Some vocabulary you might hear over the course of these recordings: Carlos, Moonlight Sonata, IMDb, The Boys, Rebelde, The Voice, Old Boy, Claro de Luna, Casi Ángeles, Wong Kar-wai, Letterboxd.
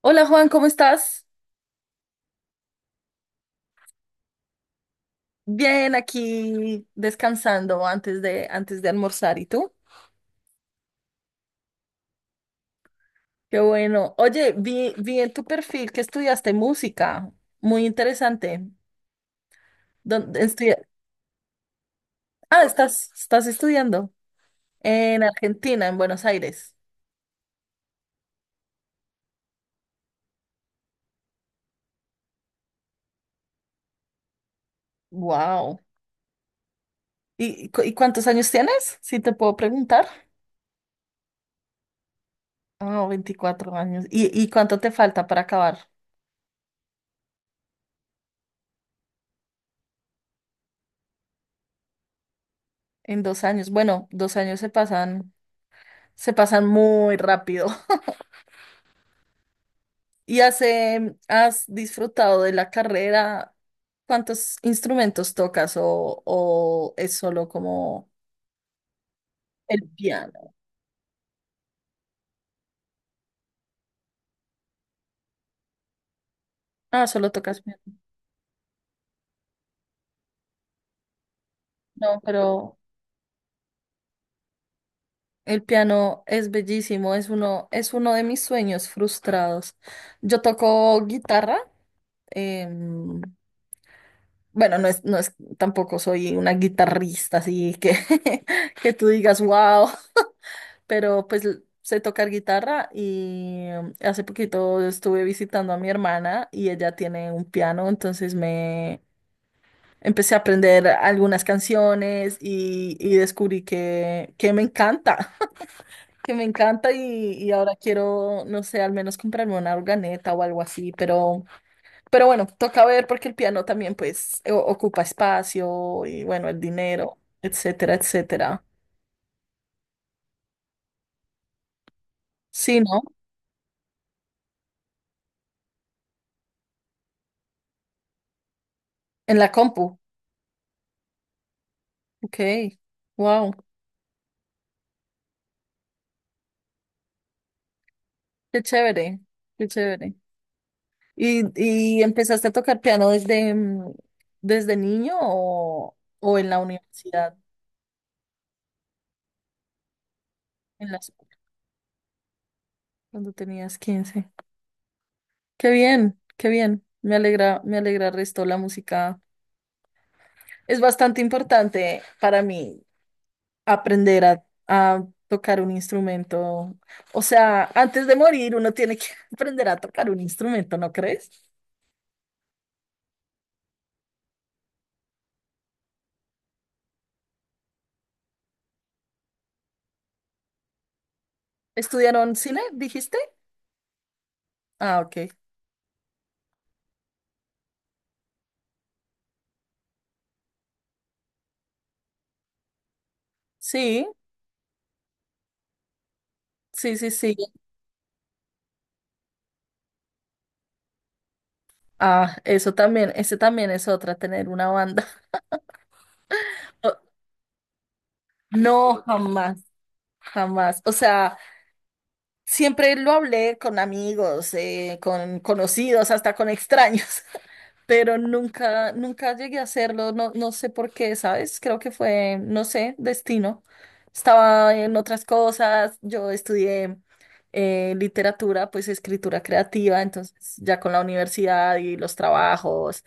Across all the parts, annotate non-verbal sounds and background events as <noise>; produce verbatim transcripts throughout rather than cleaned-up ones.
Hola Juan, ¿cómo estás? Bien, aquí descansando antes de, antes de almorzar. ¿Y tú? Qué bueno. Oye, vi, vi en tu perfil que estudiaste música. Muy interesante. ¿Dónde estudia- Ah, estás, estás estudiando en Argentina, en Buenos Aires. Wow. ¿Y, y cu- y cuántos años tienes? Si te puedo preguntar. Ah, veinticuatro años. ¿Y, y cuánto te falta para acabar? En dos años. Bueno, dos años se pasan, se pasan muy rápido. ¿Y has, em, has disfrutado de la carrera? ¿Cuántos instrumentos tocas o, o es solo como el piano? Ah, solo tocas piano. No, pero el piano es bellísimo, es uno, es uno de mis sueños frustrados. Yo toco guitarra. em, bueno, no es, no es, tampoco soy una guitarrista, así que, <laughs> que tú digas, wow, pero pues l- sé tocar guitarra y um, hace poquito estuve visitando a mi hermana y ella tiene un piano, entonces me empecé a aprender algunas canciones y, y descubrí que, que me encanta, <laughs> que me encanta y, y ahora quiero, no sé, al menos comprarme una organeta o algo así, pero, pero bueno, toca ver porque el piano también pues o- ocupa espacio y bueno, el dinero, etcétera, etcétera. Sí, ¿no? En la compu. Ok, wow. Qué chévere, qué chévere. ¿Y, y empezaste a tocar piano desde, mm, desde niño o, o en la universidad, en la escuela, cuando tenías quince? Qué bien, qué bien. Me alegra, me alegra el resto la música. Es bastante importante para mí aprender a, a tocar un instrumento. O sea, antes de morir uno tiene que <laughs> aprender a tocar un instrumento, ¿no crees? ¿Estudiaron cine, dijiste? Ah, ok. Sí, sí, sí, sí. Ah, eso también, ese también es otra, tener una banda. <laughs> No, jamás, jamás. O sea, siempre lo hablé con amigos, eh, con conocidos, hasta con extraños. <laughs> Pero nunca, nunca llegué a hacerlo, no, no sé por qué, ¿sabes? Creo que fue, no sé, destino. Estaba en otras cosas, yo estudié eh, literatura, pues escritura creativa, entonces ya con la universidad y los trabajos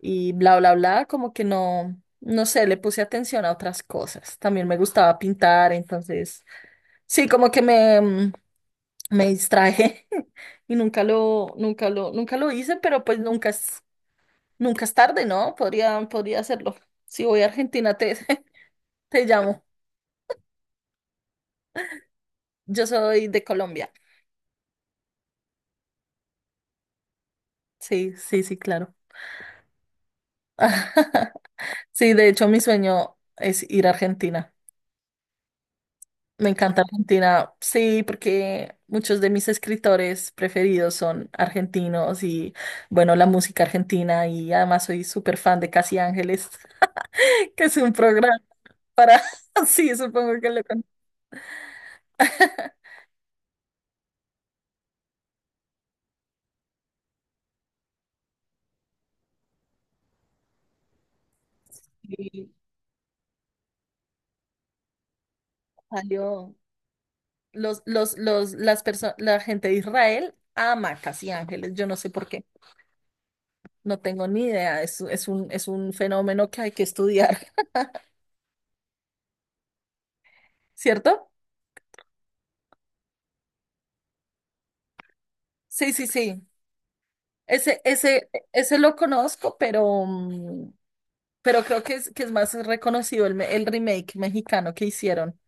y bla, bla, bla, como que no, no sé, le puse atención a otras cosas. También me gustaba pintar, entonces sí, como que me, mm, me distraje <laughs> y nunca lo, nunca lo, nunca lo hice, pero pues nunca. Nunca es tarde, ¿no? Podría, podría hacerlo. Si voy a Argentina, te, <laughs> te llamo. Yo soy de Colombia. Sí, sí, sí, claro. <laughs> Sí, de hecho, mi sueño es ir a Argentina. Me encanta Argentina. Sí, porque muchos de mis escritores preferidos son argentinos y, bueno, la música argentina. Y además soy súper fan de Casi Ángeles, <laughs> que es un programa para... <laughs> Sí, supongo que lo con- <laughs> Y salió. Los, los, los, las perso- la gente de Israel ama Casi Ángeles, yo no sé por qué, no tengo ni idea, es, es un, es un fenómeno que hay que estudiar, <laughs> ¿cierto? Sí, sí, sí, ese, ese, ese lo conozco, pero, mm, pero creo que es, que es más reconocido el, me- el remake mexicano que hicieron.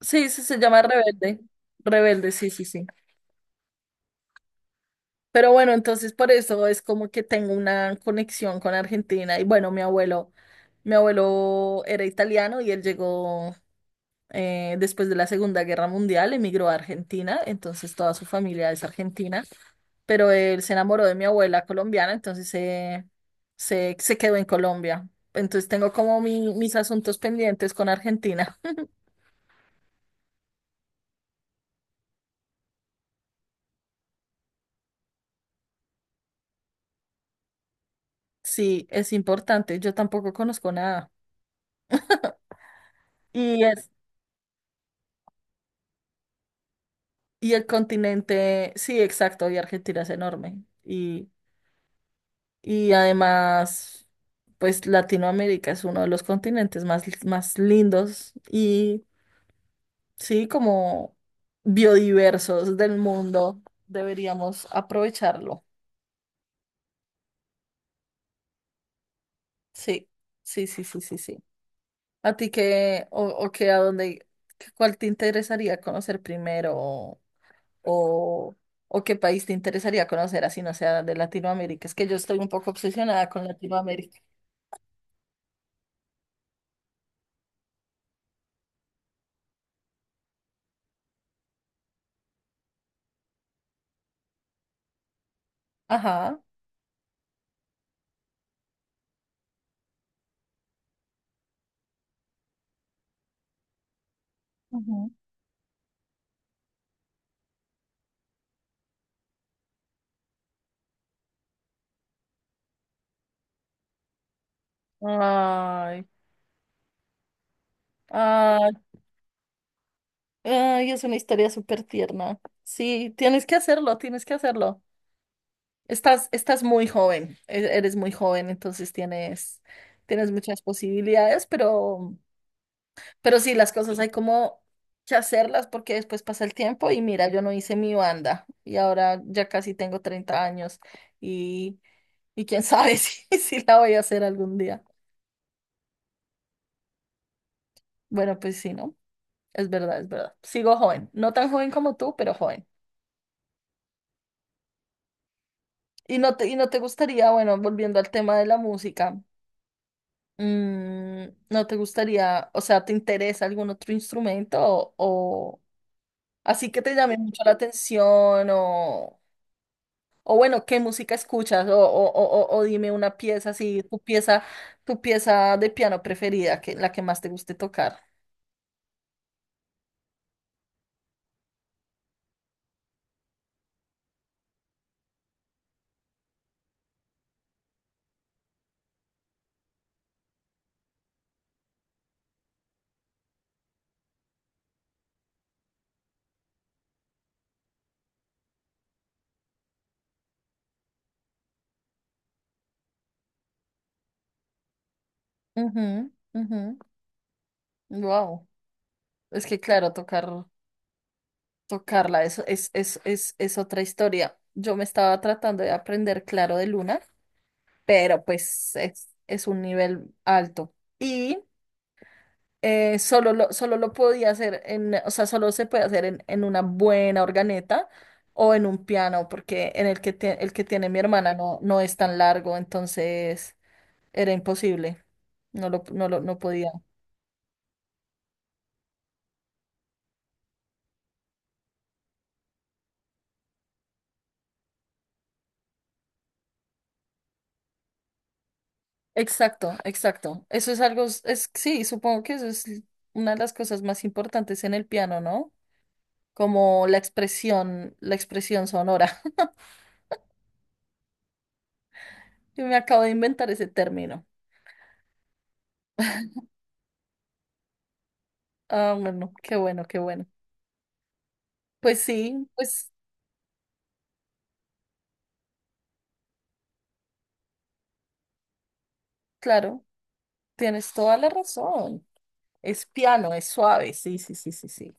Sí, sí, se llama Rebelde, Rebelde, sí, sí, sí. Pero bueno, entonces por eso es como que tengo una conexión con Argentina. Y bueno, mi abuelo, mi abuelo era italiano y él llegó eh, después de la Segunda Guerra Mundial, emigró a Argentina, entonces toda su familia es argentina. Pero él se enamoró de mi abuela colombiana, entonces se, se, se quedó en Colombia. Entonces tengo como mi- mis asuntos pendientes con Argentina. <laughs> Sí, es importante. Yo tampoco conozco nada. Y es... Y el continente, sí, exacto, y Argentina es enorme. Y, y además, pues Latinoamérica es uno de los continentes más, más lindos y, sí, como biodiversos del mundo. Deberíamos aprovecharlo. Sí, sí, sí, sí, sí, sí. ¿A ti qué, o, o qué, a dónde, qué- cuál te interesaría conocer primero? O, o qué país te interesaría conocer así no sea de Latinoamérica. Es que yo estoy un poco obsesionada con Latinoamérica. Ajá. Ujú. Ay, ay, ay, es una historia súper tierna. Sí, tienes que hacerlo, tienes que hacerlo. Estás, estás muy joven, e- eres muy joven, entonces tienes, tienes muchas posibilidades, pero... Pero sí, las cosas hay como que hacerlas porque después pasa el tiempo y mira, yo no hice mi banda y ahora ya casi tengo treinta años y, y quién sabe <laughs> si, si la voy a hacer algún día. Bueno, pues sí, ¿no? Es verdad, es verdad. Sigo joven, no tan joven como tú, pero joven. Y no te, y no te gustaría, bueno, volviendo al tema de la música, mm, ¿no te gustaría, o sea, te interesa algún otro instrumento o, o así que te llame mucho la atención o, O bueno, qué música escuchas? O, o, o, o o dime una pieza así, tu pieza, tu pieza de piano preferida, que, la que más te guste tocar. Ujú, ujú. Wow. Es que claro, tocar, tocarla eso es, es, es, es otra historia. Yo me estaba tratando de aprender Claro de Luna, pero pues es, es un nivel alto. Y eh, solo lo, solo lo podía hacer en, o sea, solo se puede hacer en, en una buena organeta o en un piano, porque en el que, tie- el que tiene mi hermana no, no es tan largo, entonces era imposible. No lo, no lo, no podía. Exacto, exacto. Eso es algo, s- es, sí, supongo que eso es una de las cosas más importantes en el piano, ¿no? Como la expresión, la expresión sonora. <laughs> Yo me acabo de inventar ese término. Ah, bueno, qué bueno, qué bueno. Pues sí, pues claro. Tienes toda la razón. Es piano, es suave. Sí, sí, sí, sí, sí.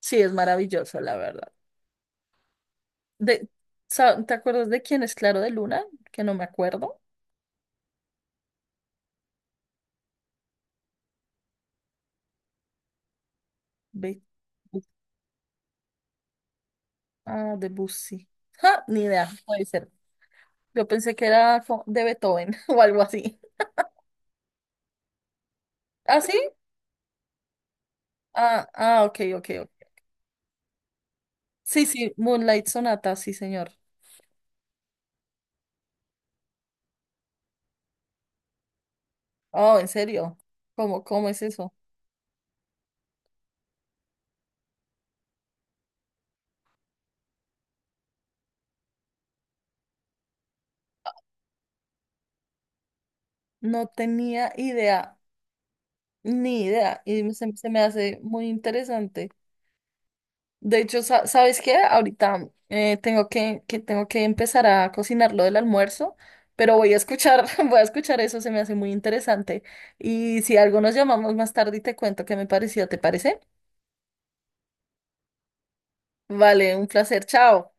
Sí, es maravilloso, la verdad. De, sa- ¿te acuerdas de quién es Claro de Luna? Que no me acuerdo. Be- Bu- ah, de Bussi. Ja, ni idea, puede ser. Yo pensé que era co- de Beethoven <laughs> o algo así. ¿Ah, sí? Ah, ah, ok, ok, ok. Sí, sí, Moonlight Sonata, sí, señor. Oh, ¿en serio? ¿Cómo, cómo es eso? No tenía idea, ni idea. Y se se me hace muy interesante. De hecho, sa- ¿sabes qué? Ahorita eh, tengo que, que tengo que empezar a cocinar lo del almuerzo, pero voy a escuchar, <laughs> voy a escuchar eso, se me hace muy interesante. Y si algo nos llamamos más tarde y te cuento qué me pareció, ¿te parece? Vale, un placer, chao.